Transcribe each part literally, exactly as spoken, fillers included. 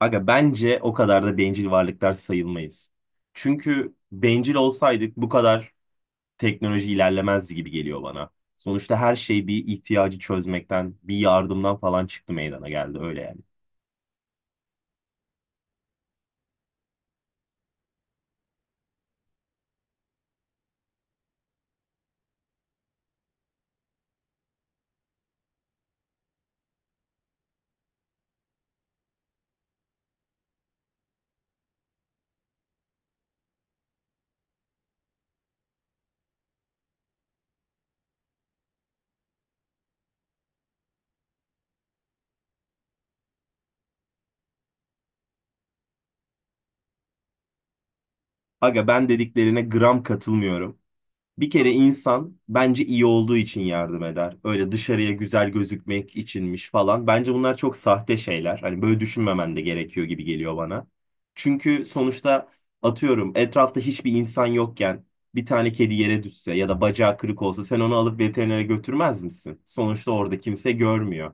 Aga bence o kadar da bencil varlıklar sayılmayız. Çünkü bencil olsaydık bu kadar teknoloji ilerlemezdi gibi geliyor bana. Sonuçta her şey bir ihtiyacı çözmekten, bir yardımdan falan çıktı meydana geldi öyle yani. Aga ben dediklerine gram katılmıyorum. Bir kere insan bence iyi olduğu için yardım eder. Öyle dışarıya güzel gözükmek içinmiş falan. Bence bunlar çok sahte şeyler. Hani böyle düşünmemen de gerekiyor gibi geliyor bana. Çünkü sonuçta atıyorum etrafta hiçbir insan yokken bir tane kedi yere düşse ya da bacağı kırık olsa sen onu alıp veterinere götürmez misin? Sonuçta orada kimse görmüyor.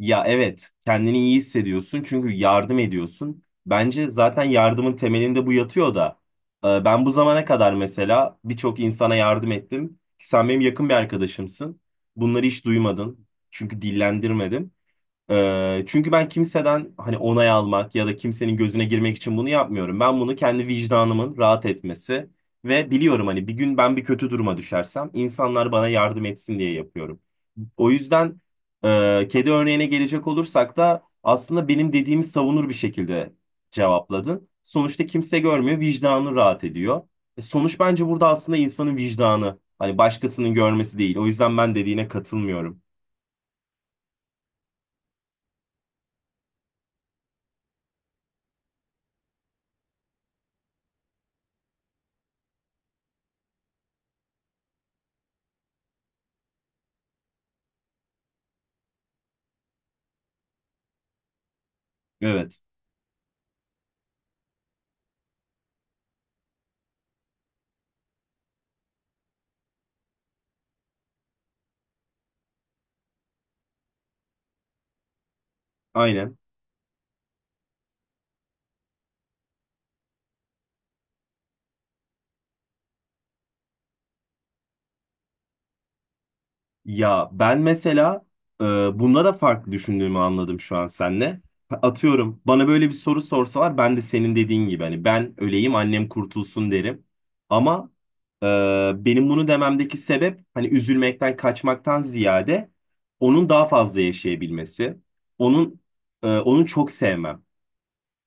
Ya evet, kendini iyi hissediyorsun çünkü yardım ediyorsun. Bence zaten yardımın temelinde bu yatıyor da. e, Ben bu zamana kadar mesela birçok insana yardım ettim. Sen benim yakın bir arkadaşımsın. Bunları hiç duymadın. Çünkü dillendirmedim. Ee, çünkü ben kimseden hani onay almak ya da kimsenin gözüne girmek için bunu yapmıyorum. Ben bunu kendi vicdanımın rahat etmesi ve biliyorum hani bir gün ben bir kötü duruma düşersem insanlar bana yardım etsin diye yapıyorum. O yüzden e, kedi örneğine gelecek olursak da aslında benim dediğimi savunur bir şekilde cevapladın. Sonuçta kimse görmüyor, vicdanı rahat ediyor. E, sonuç bence burada aslında insanın vicdanı. Hani başkasının görmesi değil. O yüzden ben dediğine katılmıyorum. Evet, aynen. Ya ben mesela e, bunda da farklı düşündüğümü anladım şu an seninle. Atıyorum bana böyle bir soru sorsalar ben de senin dediğin gibi hani ben öleyim annem kurtulsun derim. Ama e, benim bunu dememdeki sebep hani üzülmekten kaçmaktan ziyade onun daha fazla yaşayabilmesi. Onun e, Onu çok sevmem.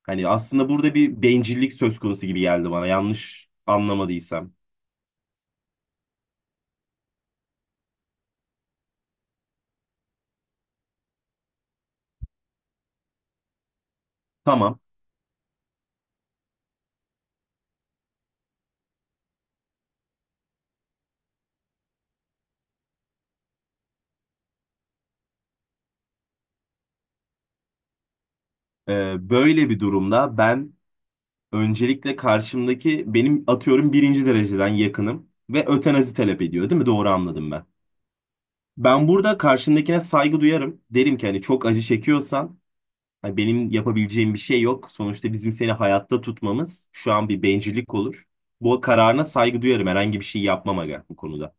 Hani aslında burada bir bencillik söz konusu gibi geldi bana yanlış anlamadıysam. Tamam. E, böyle bir durumda ben öncelikle karşımdaki benim atıyorum birinci dereceden yakınım ve ötenazi talep ediyor, değil mi? Doğru anladım ben. Ben burada karşımdakine saygı duyarım. Derim ki hani çok acı çekiyorsan hani benim yapabileceğim bir şey yok. Sonuçta bizim seni hayatta tutmamız şu an bir bencillik olur. Bu kararına saygı duyarım. Herhangi bir şey yapmam aga bu konuda.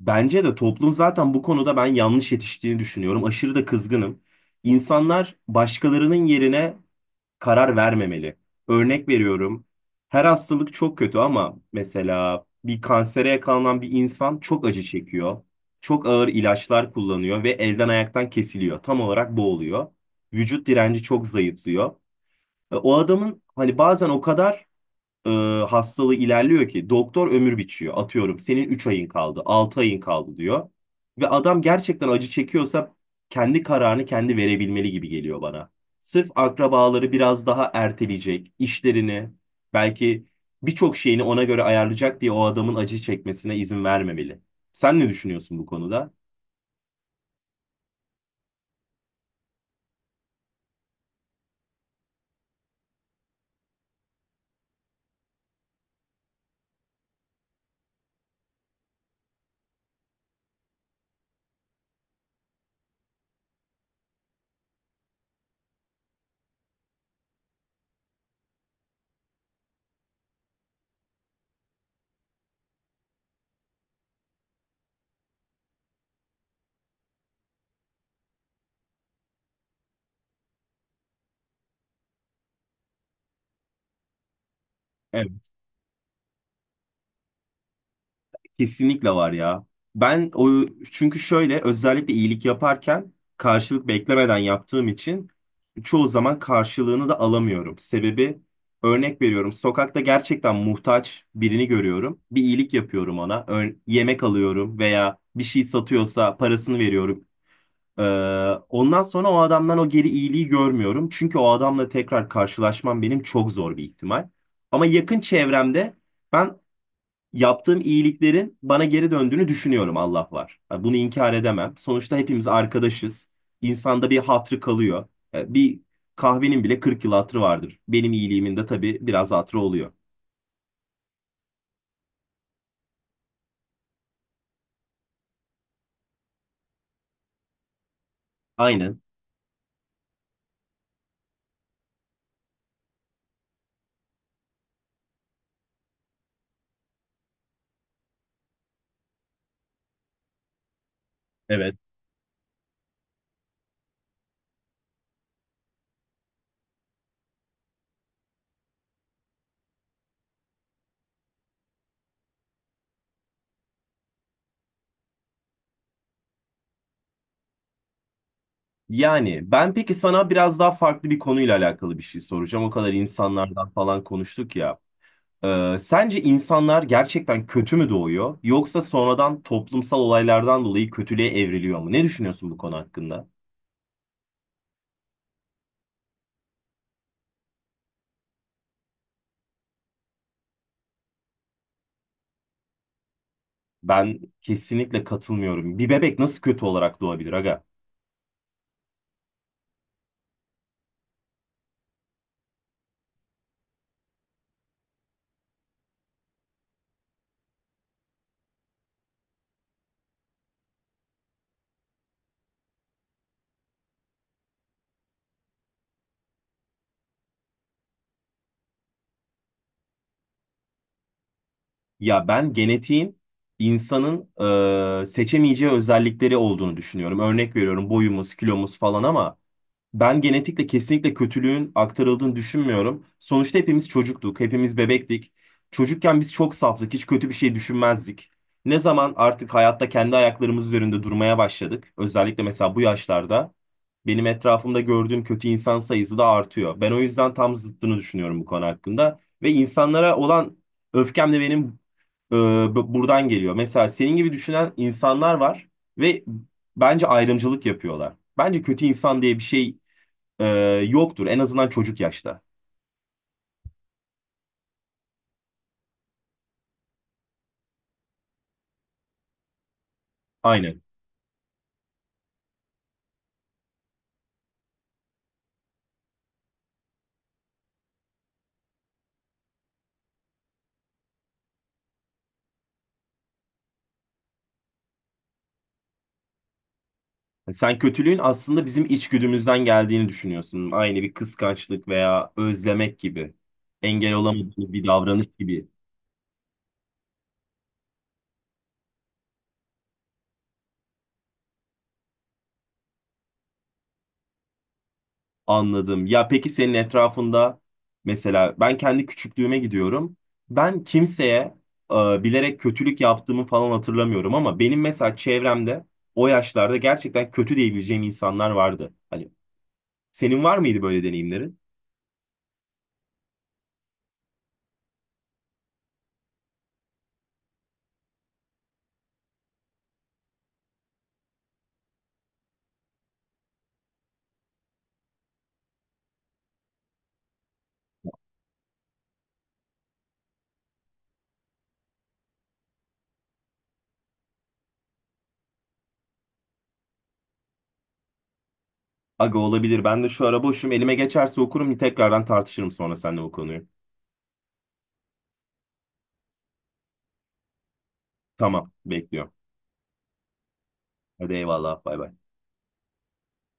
Bence de toplum zaten bu konuda ben yanlış yetiştiğini düşünüyorum. Aşırı da kızgınım. İnsanlar başkalarının yerine karar vermemeli. Örnek veriyorum. Her hastalık çok kötü ama mesela bir kansere yakalanan bir insan çok acı çekiyor. Çok ağır ilaçlar kullanıyor ve elden ayaktan kesiliyor. Tam olarak bu oluyor. Vücut direnci çok zayıflıyor. E, O adamın hani bazen o kadar e, hastalığı ilerliyor ki doktor ömür biçiyor. Atıyorum senin üç ayın kaldı, altı ayın kaldı diyor. Ve adam gerçekten acı çekiyorsa kendi kararını kendi verebilmeli gibi geliyor bana. Sırf akrabaları biraz daha erteleyecek, işlerini, belki birçok şeyini ona göre ayarlayacak diye o adamın acı çekmesine izin vermemeli. Sen ne düşünüyorsun bu konuda? Evet, kesinlikle var ya. Ben o çünkü şöyle özellikle iyilik yaparken karşılık beklemeden yaptığım için çoğu zaman karşılığını da alamıyorum. Sebebi örnek veriyorum. Sokakta gerçekten muhtaç birini görüyorum. Bir iyilik yapıyorum ona. Ör- yemek alıyorum veya bir şey satıyorsa parasını veriyorum. Ee, Ondan sonra o adamdan o geri iyiliği görmüyorum. Çünkü o adamla tekrar karşılaşmam benim çok zor bir ihtimal. Ama yakın çevremde ben yaptığım iyiliklerin bana geri döndüğünü düşünüyorum Allah var. Yani bunu inkar edemem. Sonuçta hepimiz arkadaşız. İnsanda bir hatrı kalıyor. Yani bir kahvenin bile kırk yıl hatrı vardır. Benim iyiliğimin de tabii biraz hatrı oluyor. Aynen. Evet. Yani ben peki sana biraz daha farklı bir konuyla alakalı bir şey soracağım. O kadar insanlardan falan konuştuk ya. Ee, sence insanlar gerçekten kötü mü doğuyor yoksa sonradan toplumsal olaylardan dolayı kötülüğe evriliyor mu? Ne düşünüyorsun bu konu hakkında? Ben kesinlikle katılmıyorum. Bir bebek nasıl kötü olarak doğabilir aga? Ya ben genetiğin insanın e, seçemeyeceği özellikleri olduğunu düşünüyorum. Örnek veriyorum boyumuz, kilomuz falan ama ben genetikle kesinlikle kötülüğün aktarıldığını düşünmüyorum. Sonuçta hepimiz çocuktuk, hepimiz bebektik. Çocukken biz çok saftık, hiç kötü bir şey düşünmezdik. Ne zaman artık hayatta kendi ayaklarımız üzerinde durmaya başladık, özellikle mesela bu yaşlarda. Benim etrafımda gördüğüm kötü insan sayısı da artıyor. Ben o yüzden tam zıttını düşünüyorum bu konu hakkında. Ve insanlara olan öfkem de benim e, bu- buradan geliyor. Mesela senin gibi düşünen insanlar var ve bence ayrımcılık yapıyorlar. Bence kötü insan diye bir şey e, yoktur. En azından çocuk yaşta. Aynen. Yani sen kötülüğün aslında bizim içgüdümüzden geldiğini düşünüyorsun. Aynı bir kıskançlık veya özlemek gibi. Engel olamadığımız bir davranış gibi. Anladım. Ya peki senin etrafında mesela ben kendi küçüklüğüme gidiyorum. Ben kimseye e, bilerek kötülük yaptığımı falan hatırlamıyorum ama benim mesela çevremde o yaşlarda gerçekten kötü diyebileceğim insanlar vardı. Hani senin var mıydı böyle deneyimlerin? Aga olabilir. Ben de şu ara boşum. Elime geçerse okurum. Tekrardan tartışırım sonra seninle bu konuyu. Tamam, bekliyorum. Hadi eyvallah. Bay bay.